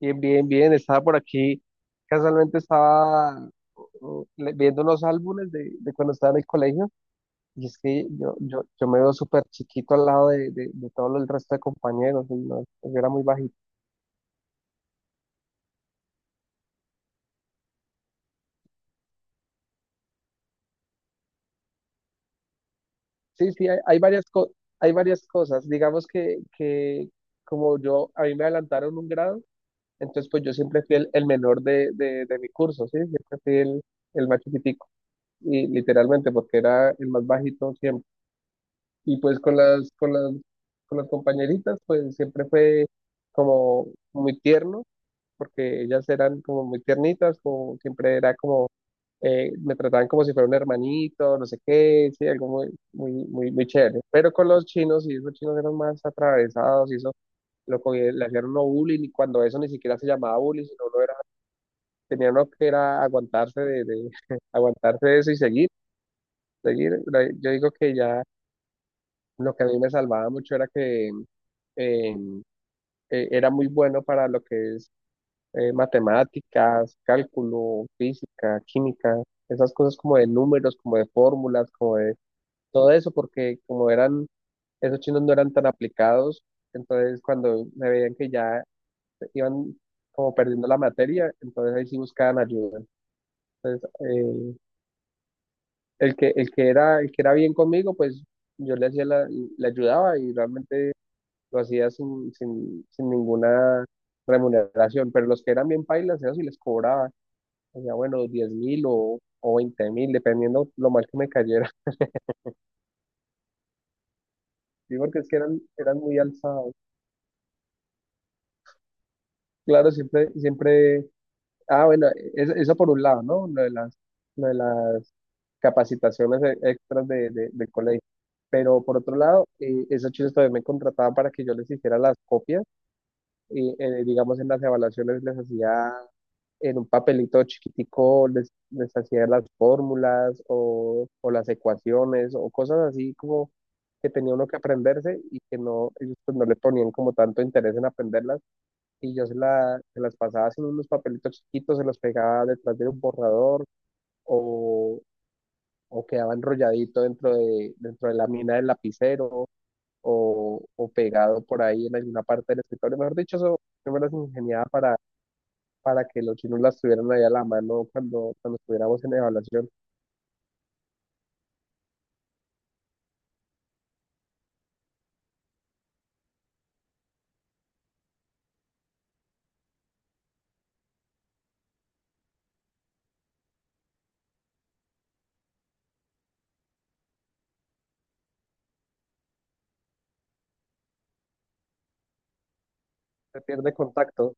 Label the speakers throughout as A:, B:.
A: Bien, bien, bien. Estaba por aquí. Casualmente estaba viendo unos álbumes de cuando estaba en el colegio. Y es que yo me veo súper chiquito al lado de todo el resto de compañeros. Y no, yo era muy bajito. Sí, sí, hay varias cosas. Digamos que como yo, a mí me adelantaron un grado, entonces pues yo siempre fui el menor de mi curso, ¿sí? Siempre fui el más chiquitico. Y literalmente porque era el más bajito siempre. Y pues con las compañeritas, pues siempre fue como muy tierno, porque ellas eran como muy tiernitas, como siempre era como, me trataban como si fuera un hermanito, no sé qué, sí, algo muy, muy, muy, muy chévere. Pero con los chinos, y esos chinos eran más atravesados, y eso, le hacían uno bullying, y cuando eso ni siquiera se llamaba bullying, sino uno era, tenía uno que era aguantarse de aguantarse de eso y seguir, seguir. Yo digo que ya. Lo que a mí me salvaba mucho era que eh, era muy bueno para lo que es matemáticas, cálculo, física, química, esas cosas como de números, como de fórmulas, como de todo eso, porque como eran, esos chinos no eran tan aplicados, entonces cuando me veían que ya iban como perdiendo la materia, entonces ahí sí buscaban ayuda. Entonces, el que era bien conmigo, pues yo le hacía la, le ayudaba y realmente lo hacía sin ninguna remuneración, pero los que eran bien pailas, eso sí les cobraba, hacía bueno, 10,000 o 20,000, dependiendo lo mal que me cayera, sí, porque es que eran muy alzados. Claro, siempre, siempre, ah, bueno, eso por un lado, ¿no? Lo de las capacitaciones extras del colegio. Pero por otro lado, esos chicos todavía me contrataban para que yo les hiciera las copias y digamos en las evaluaciones les hacía en un papelito chiquitico, les hacía las fórmulas o las ecuaciones o cosas así como que tenía uno que aprenderse y que no, ellos pues no le ponían como tanto interés en aprenderlas y yo se las pasaba en unos papelitos chiquitos, se los pegaba detrás de un borrador o, o quedaba enrolladito dentro dentro de la mina del lapicero o pegado por ahí en alguna parte del escritorio. Mejor dicho, eso yo me las ingeniaba para que los chinos las tuvieran ahí a la mano cuando estuviéramos en evaluación. Se pierde contacto.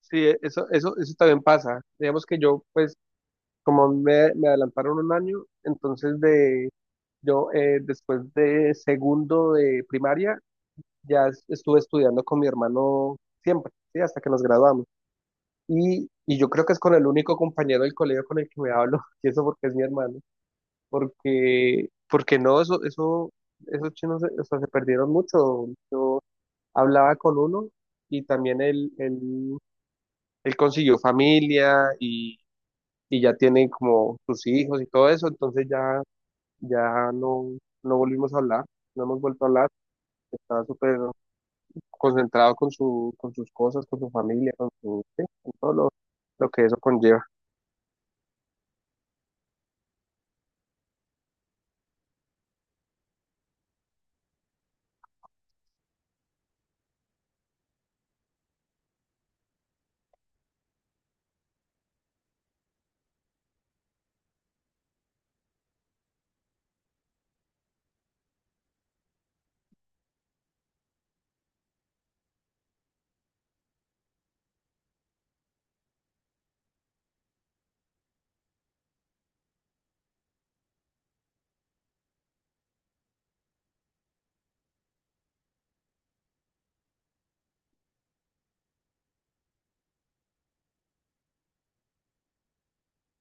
A: Sí, eso también pasa. Digamos que yo, pues, como me adelantaron un año, entonces de yo después de segundo de primaria ya estuve estudiando con mi hermano siempre, ¿sí? Hasta que nos graduamos. Y yo creo que es con el único compañero del colegio con el que me hablo, y eso porque es mi hermano, porque no, esos chinos, o sea, se perdieron mucho. Hablaba con uno y también él consiguió familia y ya tiene como sus hijos y todo eso, entonces ya no, no volvimos a hablar, no hemos vuelto a hablar, estaba súper concentrado con con sus cosas, con su familia, con su, sí, con todo lo que eso conlleva.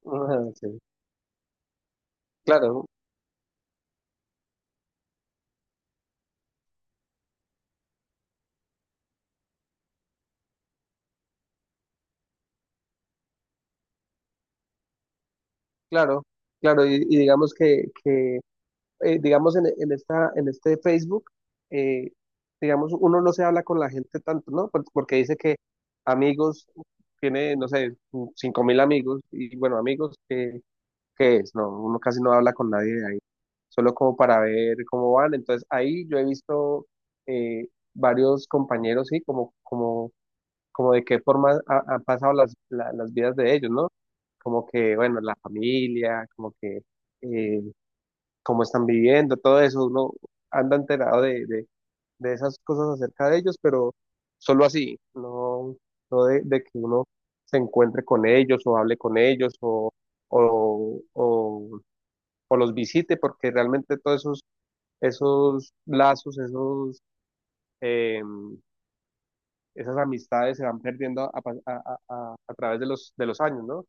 A: Ah, sí. Claro, claro, claro, y digamos que digamos, en este Facebook, eh, digamos, uno no se habla con la gente tanto, ¿no? Por- Porque dice que amigos, tiene, no sé, 5,000 amigos, y bueno, amigos, ¿qué es? No, uno casi no habla con nadie de ahí, solo como para ver cómo van. Entonces, ahí yo he visto eh, varios compañeros, sí, como de qué forma han pasado las vidas de ellos, ¿no? Como que, bueno, la familia, como que... eh, cómo están viviendo, todo eso, uno anda enterado de esas cosas acerca de ellos, pero solo así, no, de que uno se encuentre con ellos o hable con ellos o, o, o los visite, porque realmente todos esos, esos lazos, esos, eh, esas amistades se van perdiendo a, pa- a través de los años, ¿no?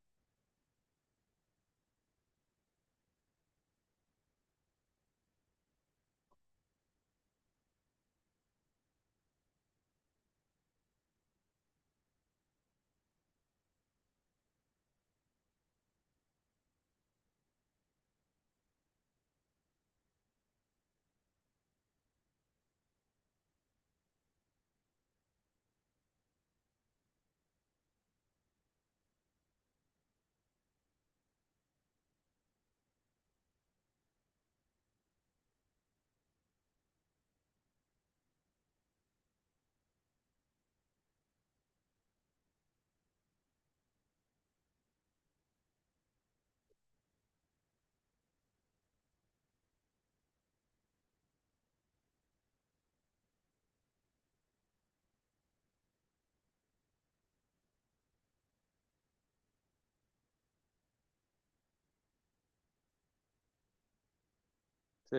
A: Sí.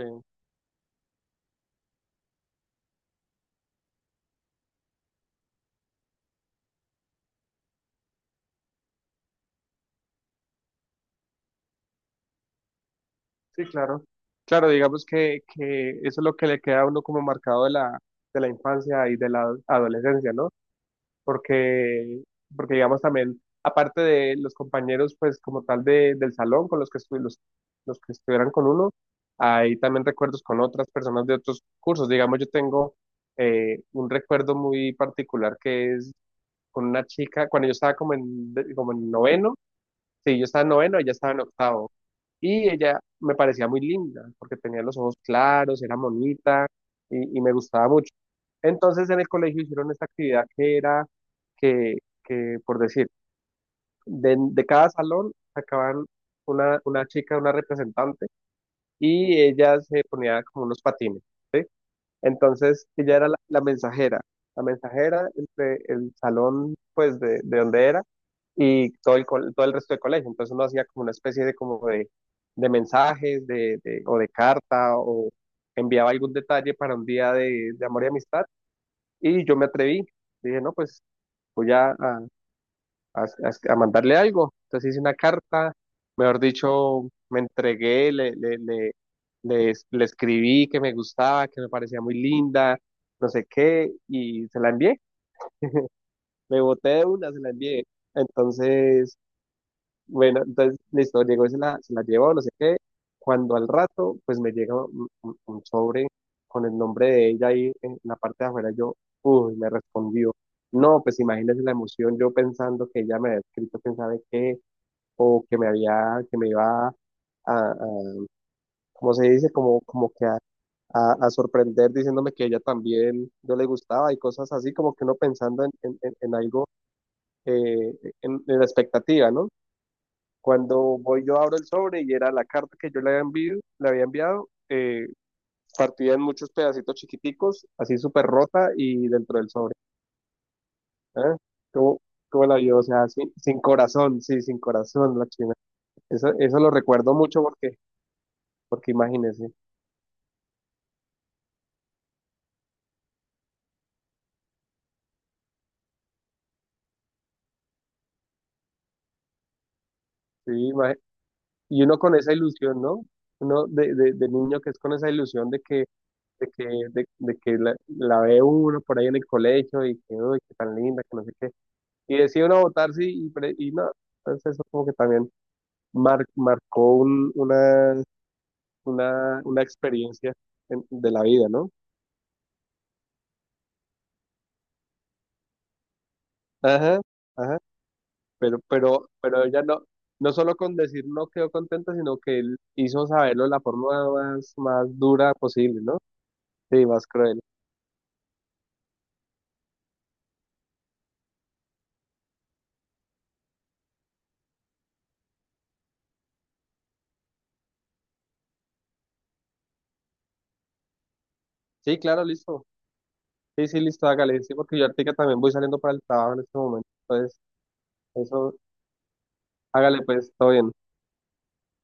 A: Sí, claro. Claro, digamos que eso es lo que le queda a uno como marcado de de la infancia y de la adolescencia, ¿no? Porque, porque digamos también, aparte de los compañeros, pues como tal del salón con los que, los que estuvieran con uno, hay también recuerdos con otras personas de otros cursos. Digamos, yo tengo un recuerdo muy particular que es con una chica, cuando yo estaba como en noveno. Sí, yo estaba en noveno, ella estaba en octavo. Y ella me parecía muy linda, porque tenía los ojos claros, era bonita y me gustaba mucho. Entonces en el colegio hicieron esta actividad que era que, que por decir, de cada salón sacaban una chica, una representante, y ella se ponía como unos patines. ¿Sí? Entonces ella era la mensajera entre el salón, pues, de donde era y todo el resto del colegio. Entonces uno hacía como una especie de, como de mensajes o de carta o enviaba algún detalle para un día de amor y amistad. Y yo me atreví, dije, no, pues voy a mandarle algo. Entonces hice una carta, mejor dicho, me entregué, le escribí que me gustaba, que me parecía muy linda, no sé qué, y se la envié. Me boté de una, se la envié. Entonces, bueno, entonces, listo, llegó y se la llevó, no sé qué. Cuando al rato, pues me llega un sobre con el nombre de ella ahí en la parte de afuera, yo, uy, me respondió. No, pues imagínese la emoción, yo pensando que ella me había escrito, quién sabe qué, o que me había, que me iba a- ¿cómo se dice? Como, como que a sorprender diciéndome que ella también no le gustaba y cosas así, como que uno pensando en algo, eh, en la expectativa, ¿no? Cuando voy yo abro el sobre y era la carta que yo le había enviado, partida en muchos pedacitos chiquiticos, así súper rota y dentro del sobre. ¿Eh? ¿Cómo, cómo la vio? O sea, sin corazón, sí, sin corazón la china. Eso lo recuerdo mucho porque imagínense. Sí, y uno con esa ilusión, ¿no? Uno de niño que es con esa ilusión de que, de que, de que la ve uno por ahí en el colegio y que, uy, qué tan linda, que no sé qué. Y decide uno votar, sí, y no. Entonces eso como que también marcó una experiencia de la vida, ¿no? Ajá, ajá. Pero ella no solo con decir no quedó contenta, sino que él hizo saberlo de la forma más dura posible, ¿no? Sí, más cruel. Sí, claro, listo. Sí, sí, listo, hágale. Sí, porque yo ahorita también voy saliendo para el trabajo en este momento. Entonces, eso, hágale pues, todo bien.